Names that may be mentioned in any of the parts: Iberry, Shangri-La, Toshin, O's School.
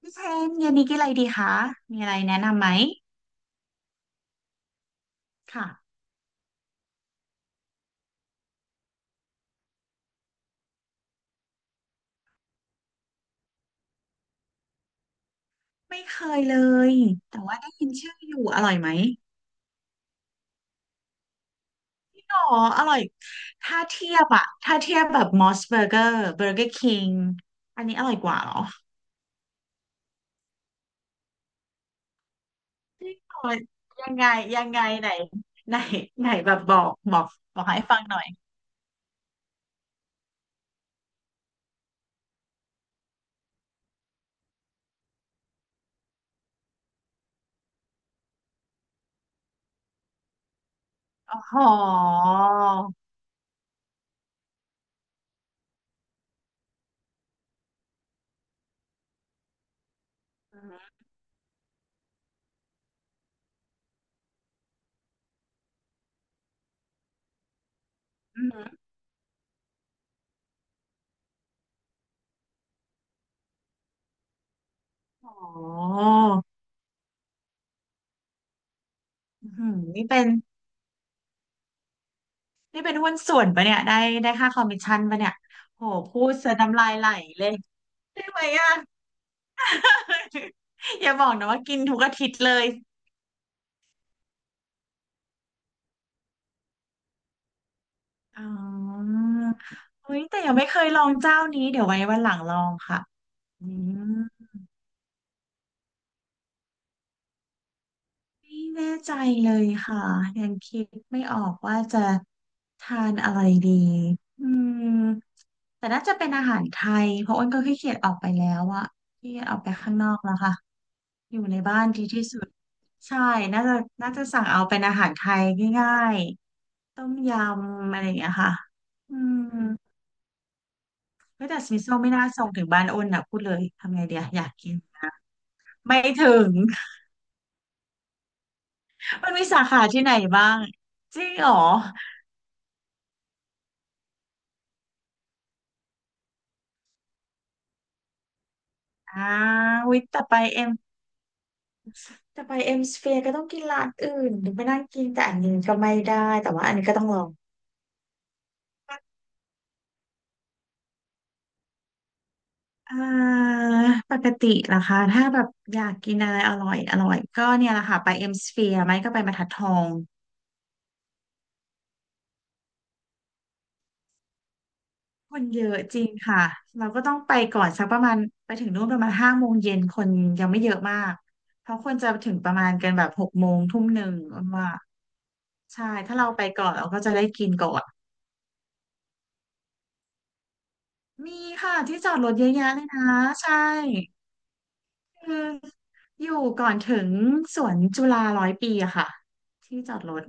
พี่เชนเย็นนี้กินอะไรดีคะมีอะไรแนะนำไหมค่ะไม่เคยเลย แต่ว่าได้ยินชื่ออยู่อร่อยไหมอ๋ออร่อยถ้าเทียบแบบมอสเบอร์เกอร์เบอร์เกอร์คิงอันนี้อร่อยกว่าเหรอจริงเหรอยังไงยังไงไหนไหนไหนแบบบอกบอกบอกให้ฟังหน่อยอ๋ออืมอืมอ๋ออืมนี่เป็นหุ้นส่วนปะเนี่ยได้ค่าคอมมิชชั่นปะเนี่ยโหพูดเสียน้ำลายไหลเลย ใช่ไหมอ่ะ อย่าบอกนะว่ากินทุกอาทิตย์เลยอ๋อเฮ้ยแต่ยังไม่เคยลองเจ้านี้เดี๋ยวไว้วันหลังลองค่ะอืม ไม่แน่ใจเลยค่ะยังคิดไม่ออกว่าจะทานอะไรดีอืมแต่น่าจะเป็นอาหารไทยเพราะอ้นก็ขี้เกียจออกไปแล้วอะขี้เกียจออกไปข้างนอกแล้วค่ะอยู่ในบ้านดีที่สุดใช่น่าจะน่าจะสั่งเอาเป็นอาหารไทยง่ายๆต้มยำอะไรอย่างเงี้ยค่ะอืมเฮ้ยแต่สมิโซไม่น่าส่งถึงบ้านอ้นอะพูดเลยทำไงเดียอยากกินไม่ถึง มันมีสาขาที่ไหนบ้างจริงเหรอ อ่าวิแต่ไปเอ็มสเฟียร์ก็ต้องกินร้านอื่นถึงไปนั่งกินแต่อันนี้ก็ไม่ได้แต่ว่าอันนี้ก็ต้องลองอ่าปกติล่ะคะถ้าแบบอยากกินอะไรอร่อยอร่อยก็เนี่ยแหละค่ะไปเอ็มสเฟียร์ไหมก็ไปบรรทัดทองคนเยอะจริงค่ะเราก็ต้องไปก่อนสักประมาณไปถึงนู่นประมาณห้าโมงเย็นคนยังไม่เยอะมากเพราะคนจะถึงประมาณกันแบบหกโมงทุ่มหนึ่งว่าใช่ถ้าเราไปก่อนเราก็จะได้กินก่อน มีค่ะที่จอดรถเยอะแยะเลยนะใช่คืออยู่ก่อนถึงสวนจุฬาร้อยปีอะค่ะที่จอดรถ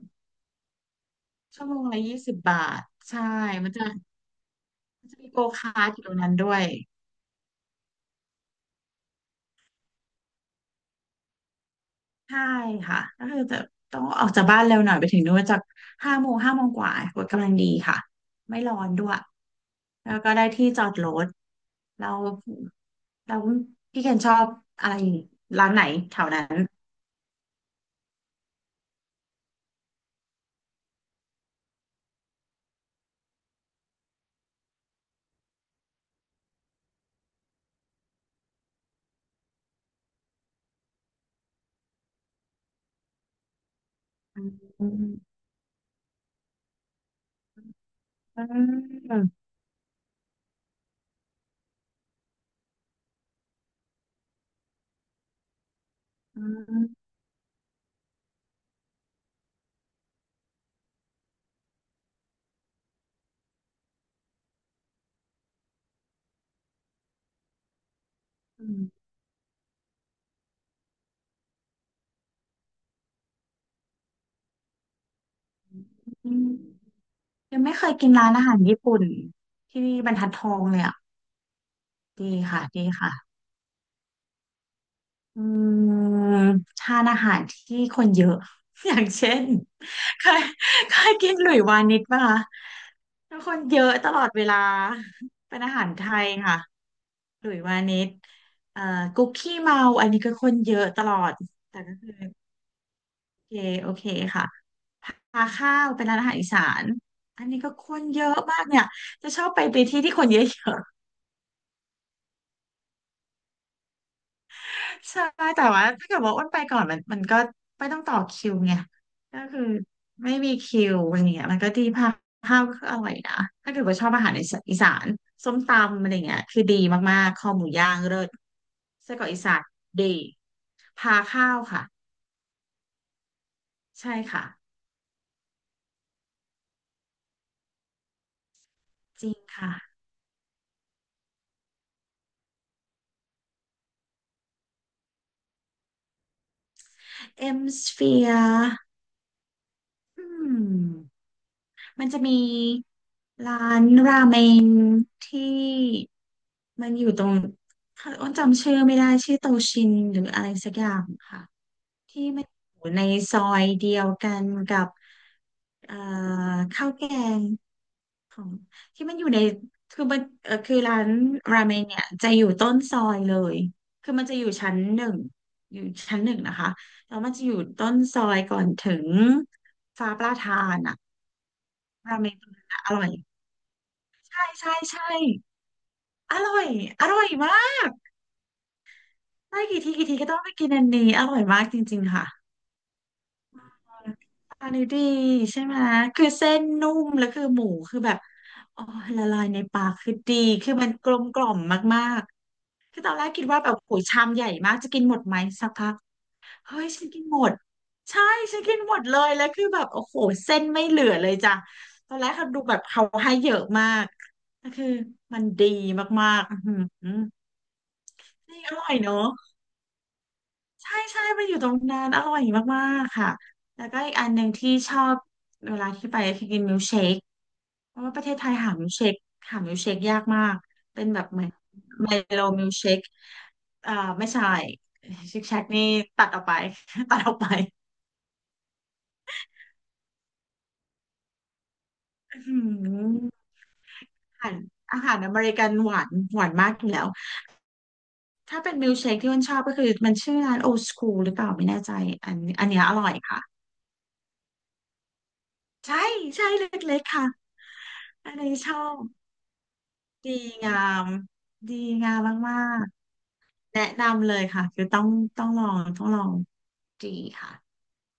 ชั่วโมงละ20 บาทใช่มันจะมันจะมีโกคาร์ทอยู่ตรงนั้นด้วยใช่ค่ะก็คือจะต้องออกจากบ้านเร็วหน่อยไปถึงนู่นจากห้าโมงห้าโมงกว่ากดกำลังดีค่ะไม่ร้อนด้วยแล้วก็ได้ที่จอดรถเราเราพี่เคนชอบอะไรร้านไหนแถวนั้นอืม อืมอืมอืมอืมยังไม่เคยกินร้านอาหารญี่ปุ่นที่บรรทัดทองเลยอ่ะดีค่ะดีค่ะอืมทานอาหารที่คนเยอะ อย่างเช่นเคยเคยกินหลุยวานิชป่ะคะแล้วคนเยอะตลอดเวลาเป็นอาหารไทยค่ะหลุยวานิชเอ่อกุ๊กขี้เมาอันนี้ก็คนเยอะตลอดแต่ก็คือโอเคโอเคค่ะ พาข้าวเป็นร้านอาหารอีสาน อันนี้ก็คนเยอะมากเนี่ย จะชอบไปที่ที่คนเยอะๆ ใช่แต่ว่าถ้าเกิดว่าอ้นไปก่อนมันก็ไม่ต้องต่อคิวไงก็คือไม่มีคิวอะไรเงี้ยมันก็ดีพาข้าวก็อร่อยนะถ้าเกิดว่าชอบอาหารอีสานส้มตำอะไรเงี้ยคือดีมากๆคอหมูย่างเลิศไส้กรอกอีสานดีพาข้าวค่ะใช่ค่ะจริงค่ะเอ็มสเฟียร์อืม มันจะมีร้านราเมงที่มันอยู่ตรงอ้นจำชื่อไม่ได้ชื่อโตชินหรืออะไรสักอย่างค่ะที่มันอยู่ในซอยเดียวกันกับเอ่อข้าวแกงของที่มันอยู่ในคือมันคือร้านราเมงเนี่ยจะอยู่ต้นซอยเลยคือมันจะอยู่ชั้นหนึ่งอยู่ชั้นหนึ่งนะคะแล้วมันจะอยู่ต้นซอยก่อนถึงฟ้าประทานอะราเมงตรงนั้นอะอร่อย ใช่ใช่อร่อยอร่อยมากได้กี่ทีกี่ทีก็ต้องไปกินอันนี้อร่อยมากจริงๆค่ะอันนี้ดีใช่ไหมคือเส้นนุ่มแล้วคือหมูคือแบบอ๋อละลายในปากคือดีคือมันกลมกล่อมมากๆคือตอนแรกคิดว่าแบบโอ้ยชามใหญ่มากจะกินหมดไหมสักพักเฮ้ยฉันกินหมดใช่ฉันกินหมดเลยแล้วคือแบบโอ้โหเส้นไม่เหลือเลยจ้ะตอนแรกเขาดูแบบเขาให้เยอะมากก็คือมันดีมากๆอือหือนี่อร่อยเนอะ ใช่ใช่ไปอยู่ตรงนั้นอร่อยมากๆค่ะ แล้วก็อีกอันหนึ่งที่ชอบเวลาที่ไปคือกินมิลค์เชคเพราะว่าประเทศไทยหามิลค์เชคหามิลค์เชคยากมาก เป็นแบบเหมือนไมโลมิลค์เชคอ่าไม่ใช่ชิคแชกนี่ตัดออกไป ตัดออกไปอืมอาหารอาหารอเมริกันหวานหวานมากอยู่แล้วถ้าเป็นมิลค์เชคที่มันชอบก็คือมันชื่อร้านโอ s สคูลหรือเปล่าไม่แน่ใจอันเนี้ยอร่อยค่ะใช่ใช่เล็กๆค่ะอันนี้ชอบ ดีงามดีงามมากๆแนะนำเลยค่ะคือต้องลองต้องลองดีค่ะ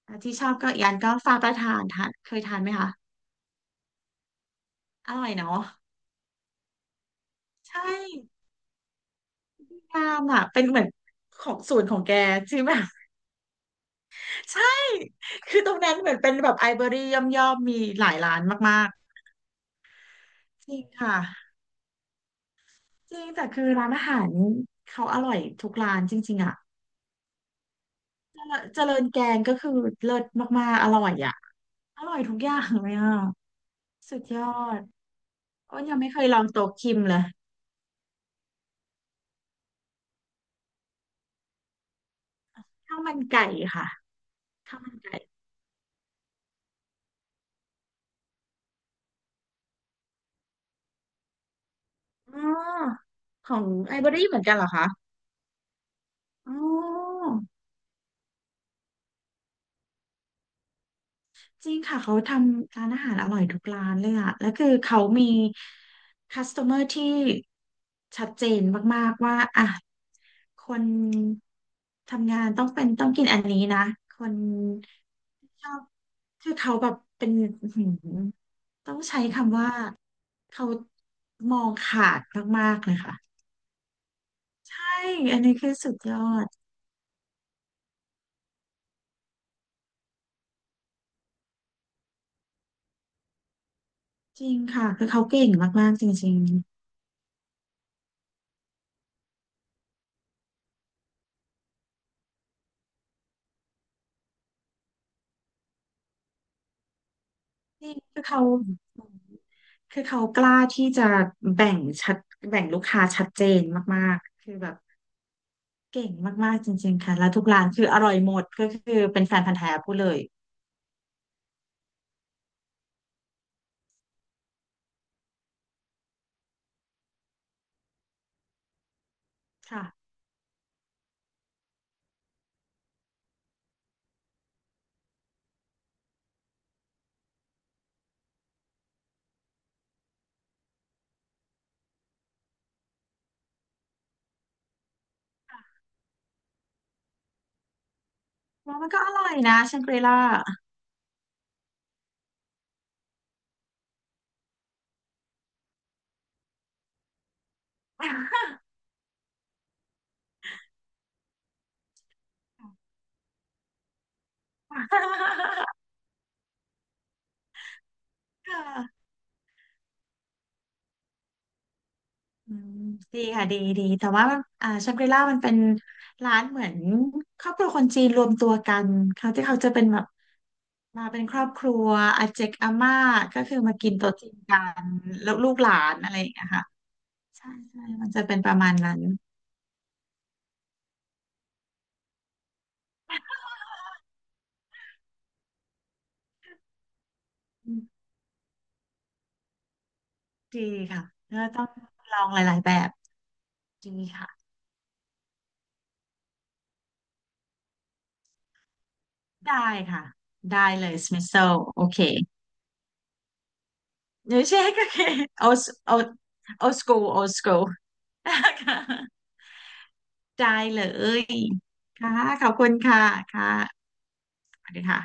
อ่ะที่ชอบก็อีกอันก็ฟ้าประทานทานเคยทานไหมคะอร่อยเนาะใช่งามอ่ะเป็นเหมือนของสูตรของแกใือแบบ ใช่คือตรงนั้นเหมือนเป็นแบบไอเบอรี่ย่อมมีหลายร้านมากๆจริงค่ะจริงแต่คือร้านอาหารเขาอร่อยทุกร้านจริงๆอ่ะเจริญแกงก็คือเลิศมากๆอร่อยอ่ะอร่อยทุกอย่างเลยอ่ะ สุดยอดอ้นยังไม่เคยลองโต๊ะคิมเลยข้าวมันไก่ค่ะ ข้าวมันไก่อ๋อของไอเบอรี่เหมือนกันเหรอคะอ๋อ จริงค่ะเขาทำร้านอาหารอร่อยทุกร้านเลยอะแล้วคือเขามี customer ที่ชัดเจนมากๆว่าอ่ะคนทำงานต้องเป็นต้องกินอันนี้นะคนชอบคือเขาแบบเป็นอื้อหือต้องใช้คำว่าเขามองขาดมากๆเลยค่ะใช่อันนี้คือสุดยอดจริงค่ะคือเขาเก่งมากๆจริง จริงคือเขากล้าที่จะแบ่งชัดแบ่งลูกค้าชัดเจนมากๆคือแบบเก่งมากๆจริงๆค่ะแล้วทุกร้านคืออร่อยหมดก็คือเป็นแฟนพันธุ์แท้พูดเลยค่ะว่ามันก็อร่อยนะแชงกรีล่าค่ะอืมดีค่ะดีดีแต่ว่าอ่าชังกรีล่ามันเป็นร้านเหมือนครอบครัวคนจีนรวมตัวกันเขาที่เขาจะเป็นแบบ มาเป็นครอบครัวอาเจกอาม่าก็คือมากินโต๊ะจีนกันแล้วลูกหลานอะไรอย่างเงี้ยค่ะใช่ใช่มันจะเป็นประมาณนั้นอืมดีค่ะก็ต้องลองหลายๆแบบดีค่ะได้ค่ะได้เลยสมิ s โซโอเคเดี๋ยวเช็คโอเคโอสโอโอสกูโอสกูค่ะ ได้เลยค่ะขอบคุณค่ะค่ะสวัสดีค่ะ